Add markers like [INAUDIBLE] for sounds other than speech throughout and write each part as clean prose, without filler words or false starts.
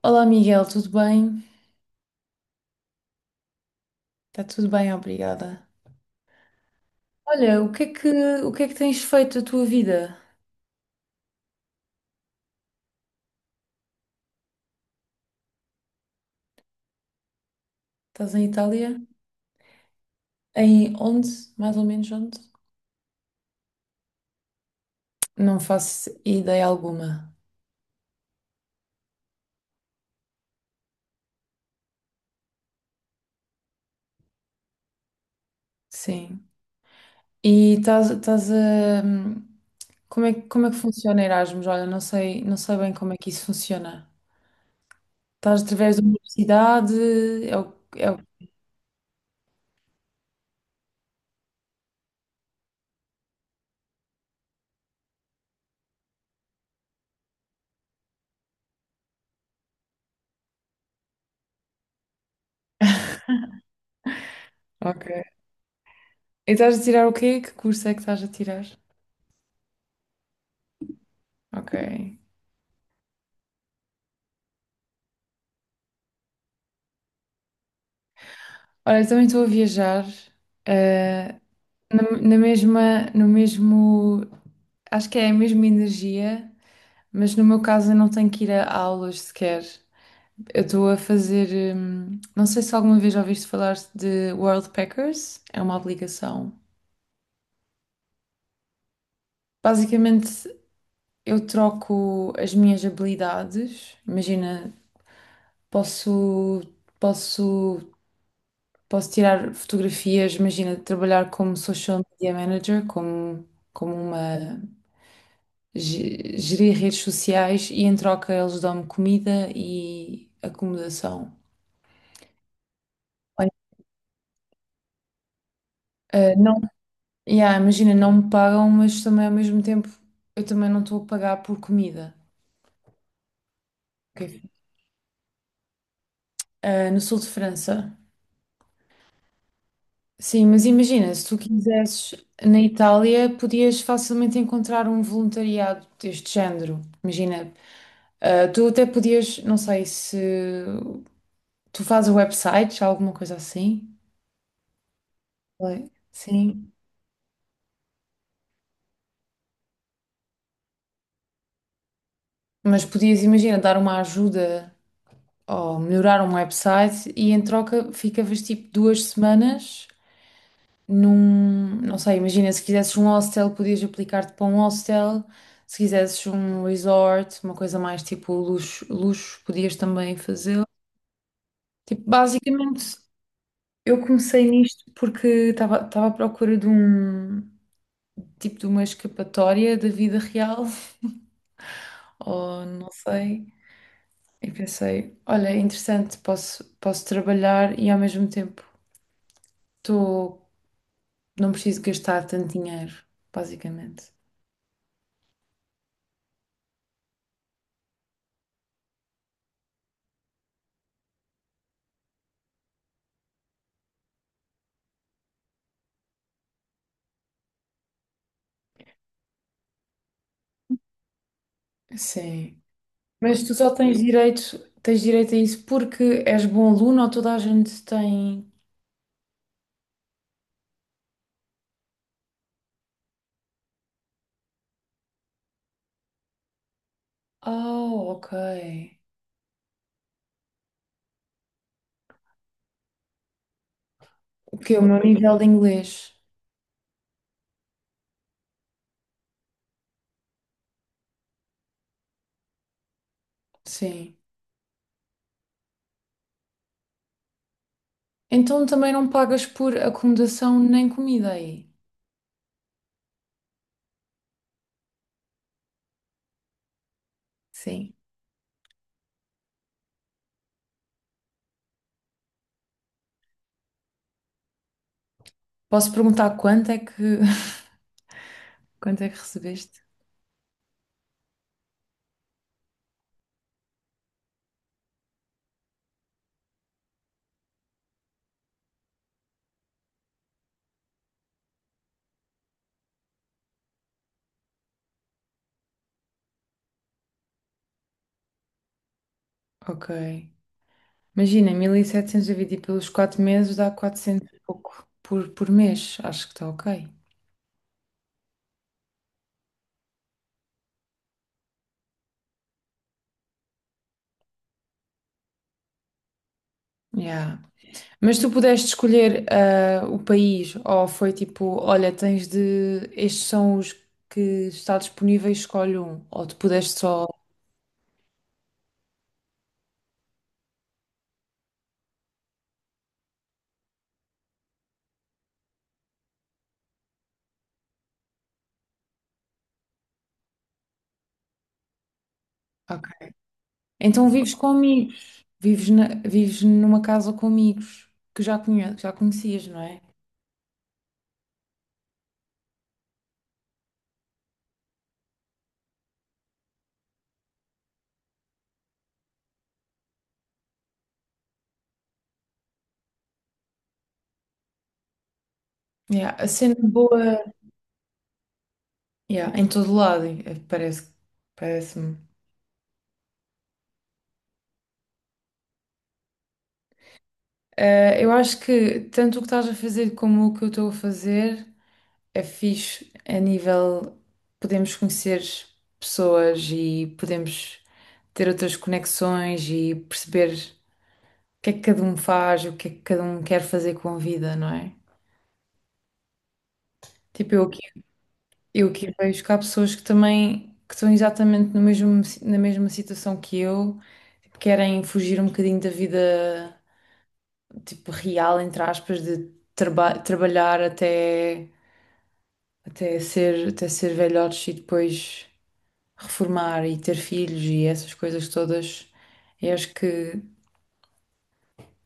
Olá Miguel, tudo bem? Está tudo bem, obrigada. Olha, o que é que tens feito a tua vida? Estás em Itália? Em onde? Mais ou menos onde? Não faço ideia alguma. Sim. E estás a. Como é que funciona Erasmus? Olha, não sei bem como é que isso funciona. Estás através da universidade? É o. Ok. E estás a tirar o quê? Que curso é que estás a tirar? Ok. Olha, eu também estou a viajar. eh, no mesmo, acho que é a mesma energia, mas no meu caso eu não tenho que ir a aulas sequer. Eu estou a fazer, não sei se alguma vez já ouviste falar de World Packers, é uma aplicação. Basicamente, eu troco as minhas habilidades. Imagina, posso, posso, posso tirar fotografias, imagina, trabalhar como social media manager, como uma gerir redes sociais, e em troca eles dão-me comida e acomodação. Olha, não, yeah, imagina, não me pagam, mas também ao mesmo tempo eu também não estou a pagar por comida. Ok. No sul de França. Sim, mas imagina, se tu quisesses na Itália, podias facilmente encontrar um voluntariado deste género. Imagina, tu até podias, não sei se tu fazes websites, alguma coisa assim. Oi. Sim. Mas podias, imagina, dar uma ajuda ou melhorar um website e em troca ficavas tipo duas semanas num. Não sei, imagina, se quisesses um hostel, podias aplicar-te para um hostel. Se quisesses um resort, uma coisa mais tipo luxo, luxo podias também fazê-lo. Tipo, basicamente, eu comecei nisto porque estava à procura de um tipo de uma escapatória da vida real, [LAUGHS] ou não sei. E pensei, olha, é interessante, posso trabalhar e ao mesmo tempo tô, não preciso gastar tanto dinheiro, basicamente. Sim. Mas tu só tens direito a isso, porque és bom aluno, ou toda a gente tem? Oh, ok. O que é o meu nível de inglês? Sim. Então também não pagas por acomodação nem comida aí. Sim. Posso perguntar quanto é que [LAUGHS] quanto é que recebeste? Ok. Imagina, 1.700 dividido pelos 4 meses dá 400 e pouco por mês. Acho que está ok. Yeah. Mas tu pudeste escolher o país, ou foi tipo, olha, tens de. Estes são os que está disponíveis, escolhe um. Ou tu pudeste só. Ok. Então vives com amigos. Vives numa casa com amigos que já conhecias, não é? Yeah. A cena boa. Yeah. Em todo lado, parece-me. Eu acho que tanto o que estás a fazer como o que eu estou a fazer é fixe a nível, podemos conhecer pessoas e podemos ter outras conexões e perceber o que é que cada um faz, o que é que cada um quer fazer com a vida, não é? Tipo, eu aqui vejo que há pessoas que também que estão exatamente no mesmo, na mesma situação que eu, tipo, querem fugir um bocadinho da vida tipo real, entre aspas, de trabalhar até ser velhotes, e depois reformar e ter filhos e essas coisas todas. Eu acho que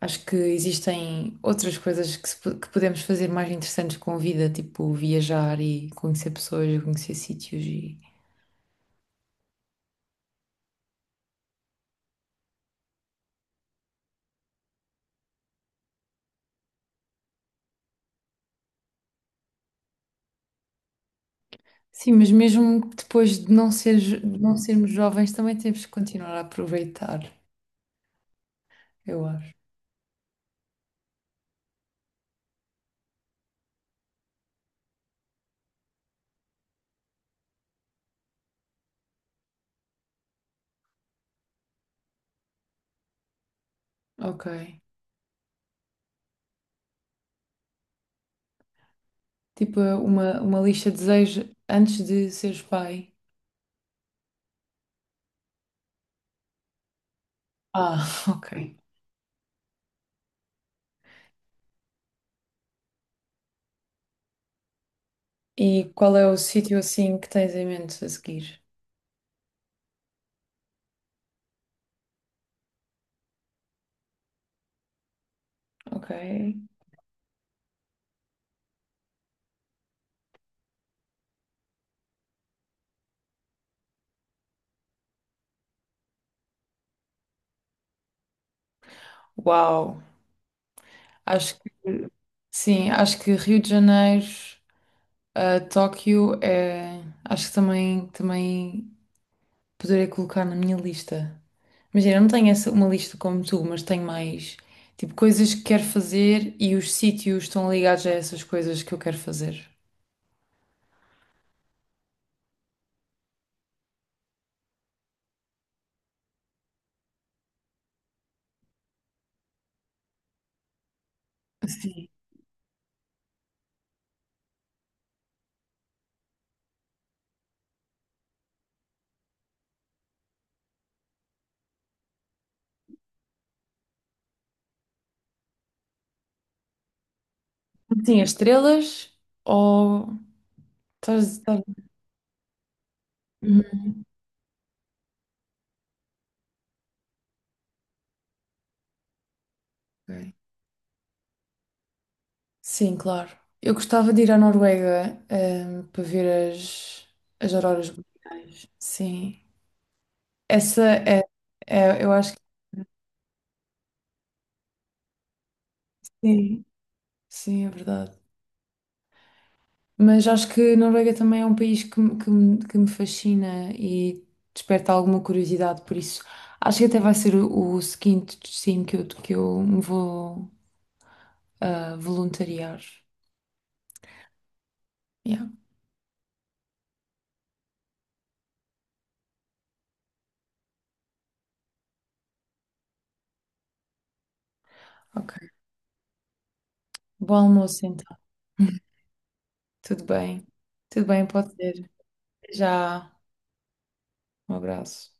acho que existem outras coisas que, se po- que podemos fazer mais interessantes com a vida, tipo viajar e conhecer pessoas, e conhecer sítios e. Sim, mas mesmo depois de de não sermos jovens, também temos que continuar a aproveitar, eu acho. Ok. Tipo, uma lista de desejos antes de seres pai. Ah, [LAUGHS] ok. E qual é o sítio assim que tens em mente a seguir? Ok. Uau! Acho que sim, acho que Rio de Janeiro, Tóquio é. Acho que também poderia colocar na minha lista. Imagina, eu não tenho uma lista como tu, mas tenho mais tipo coisas que quero fazer, e os sítios estão ligados a essas coisas que eu quero fazer. Sim. Sim, as estrelas ou. Estás. estás- Uhum. Ok. Sim, claro. Eu gostava de ir à Noruega, para ver as auroras boreais. Sim. Essa é, eu acho que sim. Sim, é verdade. Mas acho que a Noruega também é um país que me fascina e desperta alguma curiosidade, por isso acho que até vai ser o seguinte destino que eu me vou voluntariar. Yeah, ok. Bom almoço então. Tudo bem. Tudo bem, pode ser. Até já. Um abraço.